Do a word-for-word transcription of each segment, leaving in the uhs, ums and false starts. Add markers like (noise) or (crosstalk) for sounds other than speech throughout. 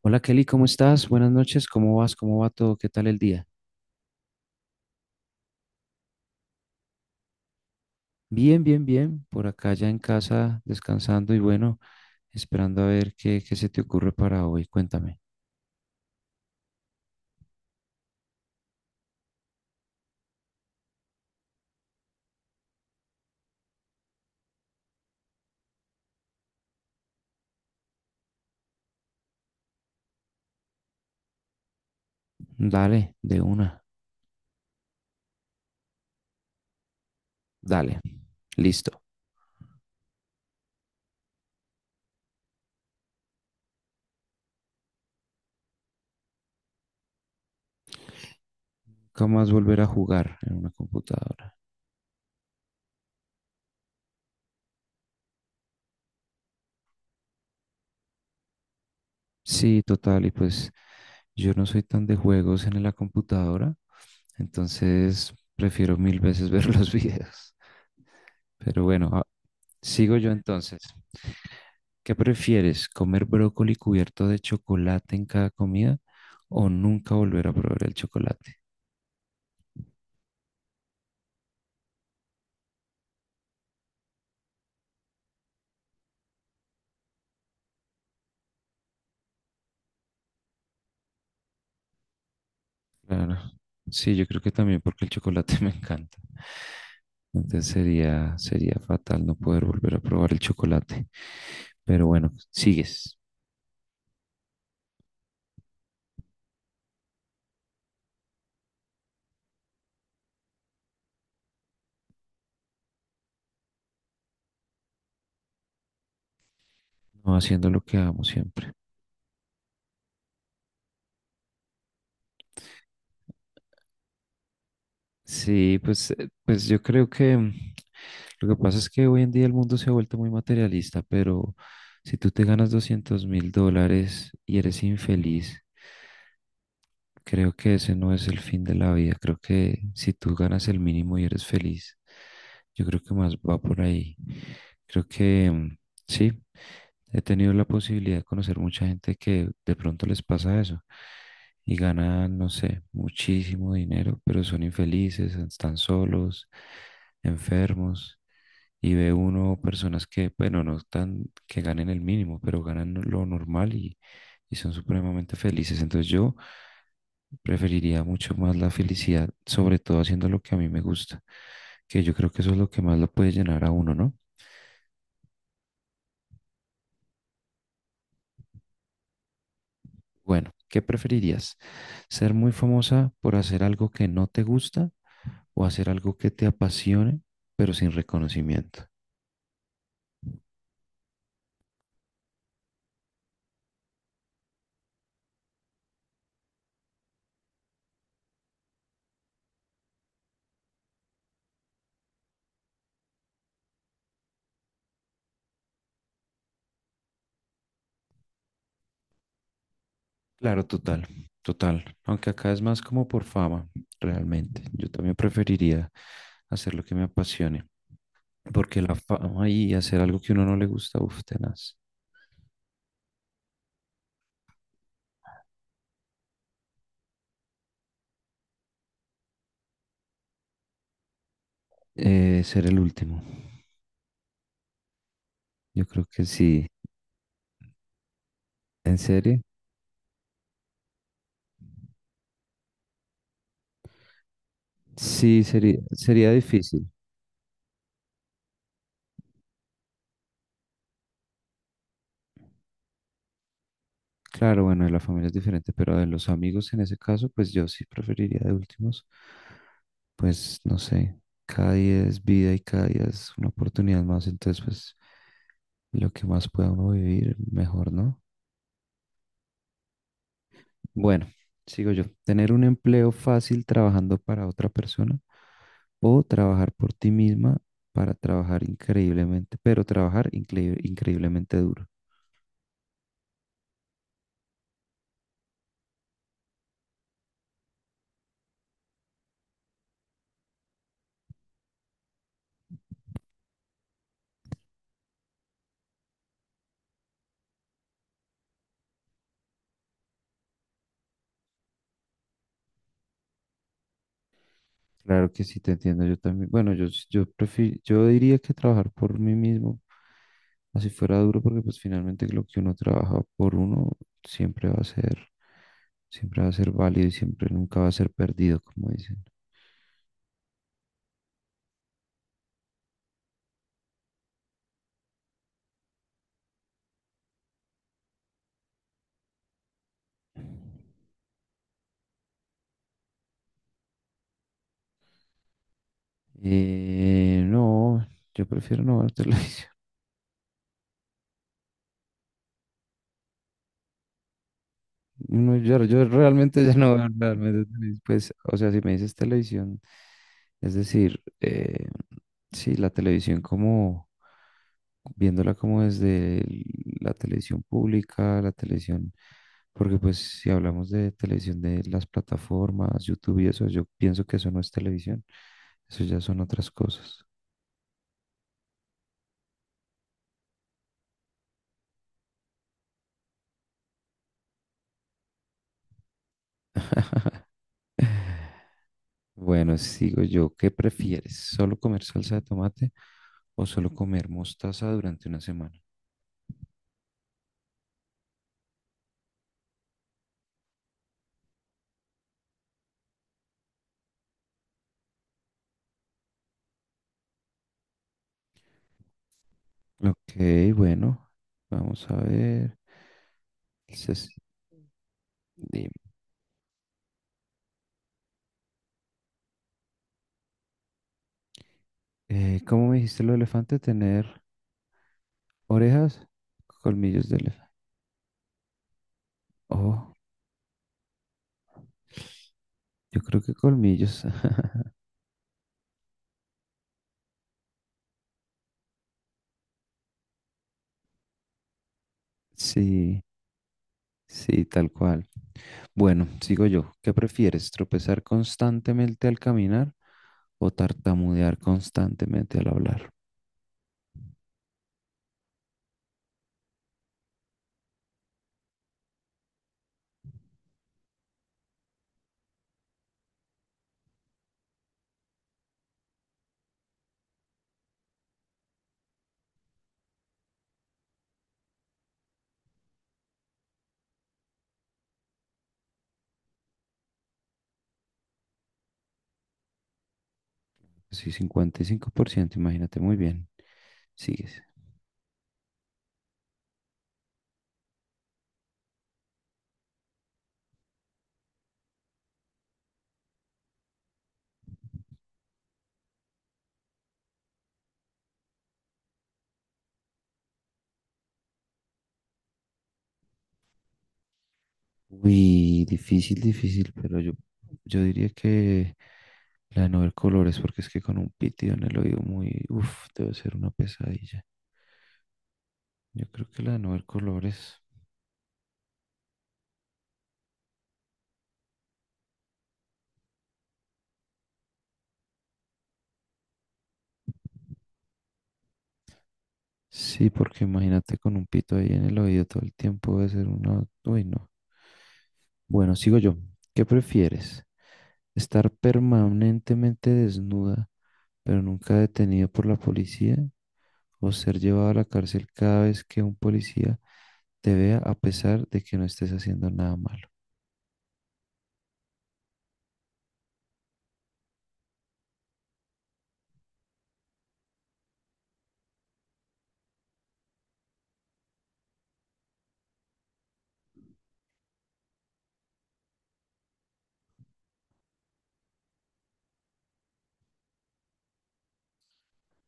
Hola Kelly, ¿cómo estás? Buenas noches, ¿cómo vas? ¿Cómo va todo? ¿Qué tal el día? Bien, bien, bien. Por acá ya en casa, descansando y bueno, esperando a ver qué, qué se te ocurre para hoy. Cuéntame. Dale, de una. Dale, listo. Nunca más volver a jugar en una computadora. Sí, total, y pues yo no soy tan de juegos en la computadora, entonces prefiero mil veces (laughs) ver los videos. Pero bueno, ah, sigo yo entonces. ¿Qué prefieres? ¿Comer brócoli cubierto de chocolate en cada comida o nunca volver a probar el chocolate? Claro. Sí, yo creo que también porque el chocolate (laughs) me encanta. Entonces sería, sería fatal no poder volver a probar el chocolate. Pero bueno, sigues, no haciendo lo que amo siempre. Sí, pues, eh, pues yo creo que mm, lo que pasa es que hoy en día el mundo se ha vuelto muy materialista, pero si tú te ganas doscientos mil dólares y eres infeliz, creo que ese no es el fin de la vida. Creo que si tú ganas el mínimo y eres feliz, yo creo que más va por ahí. Creo que mm, sí, he tenido la posibilidad de conocer mucha gente que de pronto les pasa eso y ganan, no sé, muchísimo dinero, pero son infelices, están solos, enfermos. Y ve uno personas que, bueno, no están, que ganen el mínimo, pero ganan lo normal y, y son supremamente felices. Entonces yo preferiría mucho más la felicidad, sobre todo haciendo lo que a mí me gusta, que yo creo que eso es lo que más lo puede llenar a uno, ¿no? Bueno, ¿qué preferirías? ¿Ser muy famosa por hacer algo que no te gusta o hacer algo que te apasione, pero sin reconocimiento? Claro, total, total. Aunque acá es más como por fama, realmente. Yo también preferiría hacer lo que me apasione, porque la fama y hacer algo que uno no le gusta, uf, tenaz. Eh, ser el último. Yo creo que sí. ¿En serio? Sí, sería, sería difícil. Claro, bueno, de la familia es diferente, pero de los amigos en ese caso, pues yo sí preferiría de últimos, pues no sé, cada día es vida y cada día es una oportunidad más, entonces pues lo que más pueda uno vivir, mejor, ¿no? Bueno, sigo yo. Tener un empleo fácil trabajando para otra persona o trabajar por ti misma para trabajar increíblemente, pero trabajar incre- increíblemente duro. Claro que sí, te entiendo. Yo también, bueno, yo, yo prefiero, yo diría que trabajar por mí mismo, así fuera duro, porque pues finalmente lo que uno trabaja por uno siempre va a ser, siempre va a ser válido y siempre nunca va a ser perdido, como dicen. Eh, no, yo prefiero no ver televisión. (laughs) No, yo, yo realmente ya (laughs) no veo realmente, tenis, pues, o sea, si me dices televisión, es decir, eh, sí, la televisión como, viéndola como desde el- la televisión pública, la televisión, porque pues si hablamos de televisión de las plataformas, YouTube y eso, yo pienso que eso no es televisión, eso ya son otras cosas. Bueno, sigo yo, ¿qué prefieres? ¿Solo comer salsa de tomate o solo comer mostaza durante una semana? Ok, bueno, vamos a ver. Ses- di- eh, ¿cómo me dijiste lo de elefante? Tener orejas, colmillos de elefante. Oh, yo creo que colmillos. (laughs) Sí, sí, tal cual. Bueno, sigo yo. ¿Qué prefieres? ¿Tropezar constantemente al caminar o tartamudear constantemente al hablar? Sí, cincuenta y cinco por ciento. Imagínate muy bien. Sigues. Uy, difícil, difícil, pero yo, yo diría que la de no ver colores, porque es que con un pitido en el oído muy, uff, debe ser una pesadilla. Yo creo que la de no ver colores, sí, porque imagínate con un pito ahí en el oído todo el tiempo debe ser una, uy, no. Bueno, sigo yo. ¿Qué prefieres? ¿Estar permanentemente desnuda, pero nunca detenida por la policía? ¿O ser llevada a la cárcel cada vez que un policía te vea a pesar de que no estés haciendo nada malo?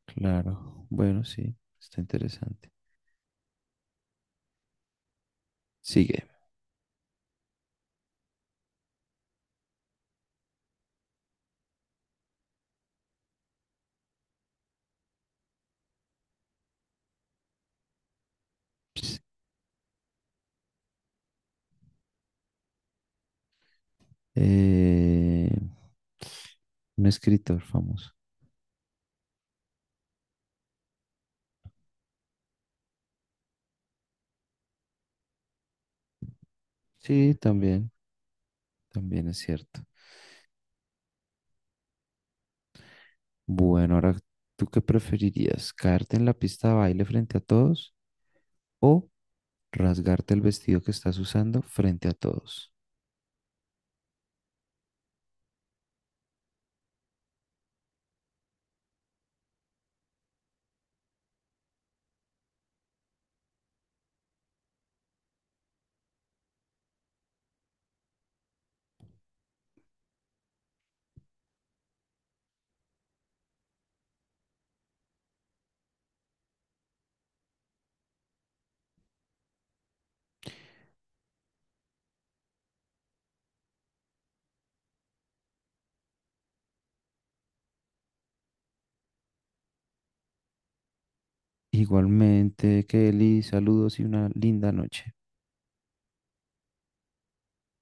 Claro, bueno, sí, está interesante. Sigue. Eh, un escritor famoso. Sí, también, también es cierto. Bueno, ahora, ¿tú qué preferirías? ¿Caerte en la pista de baile frente a todos o rasgarte el vestido que estás usando frente a todos? Igualmente, Kelly, saludos y una linda noche.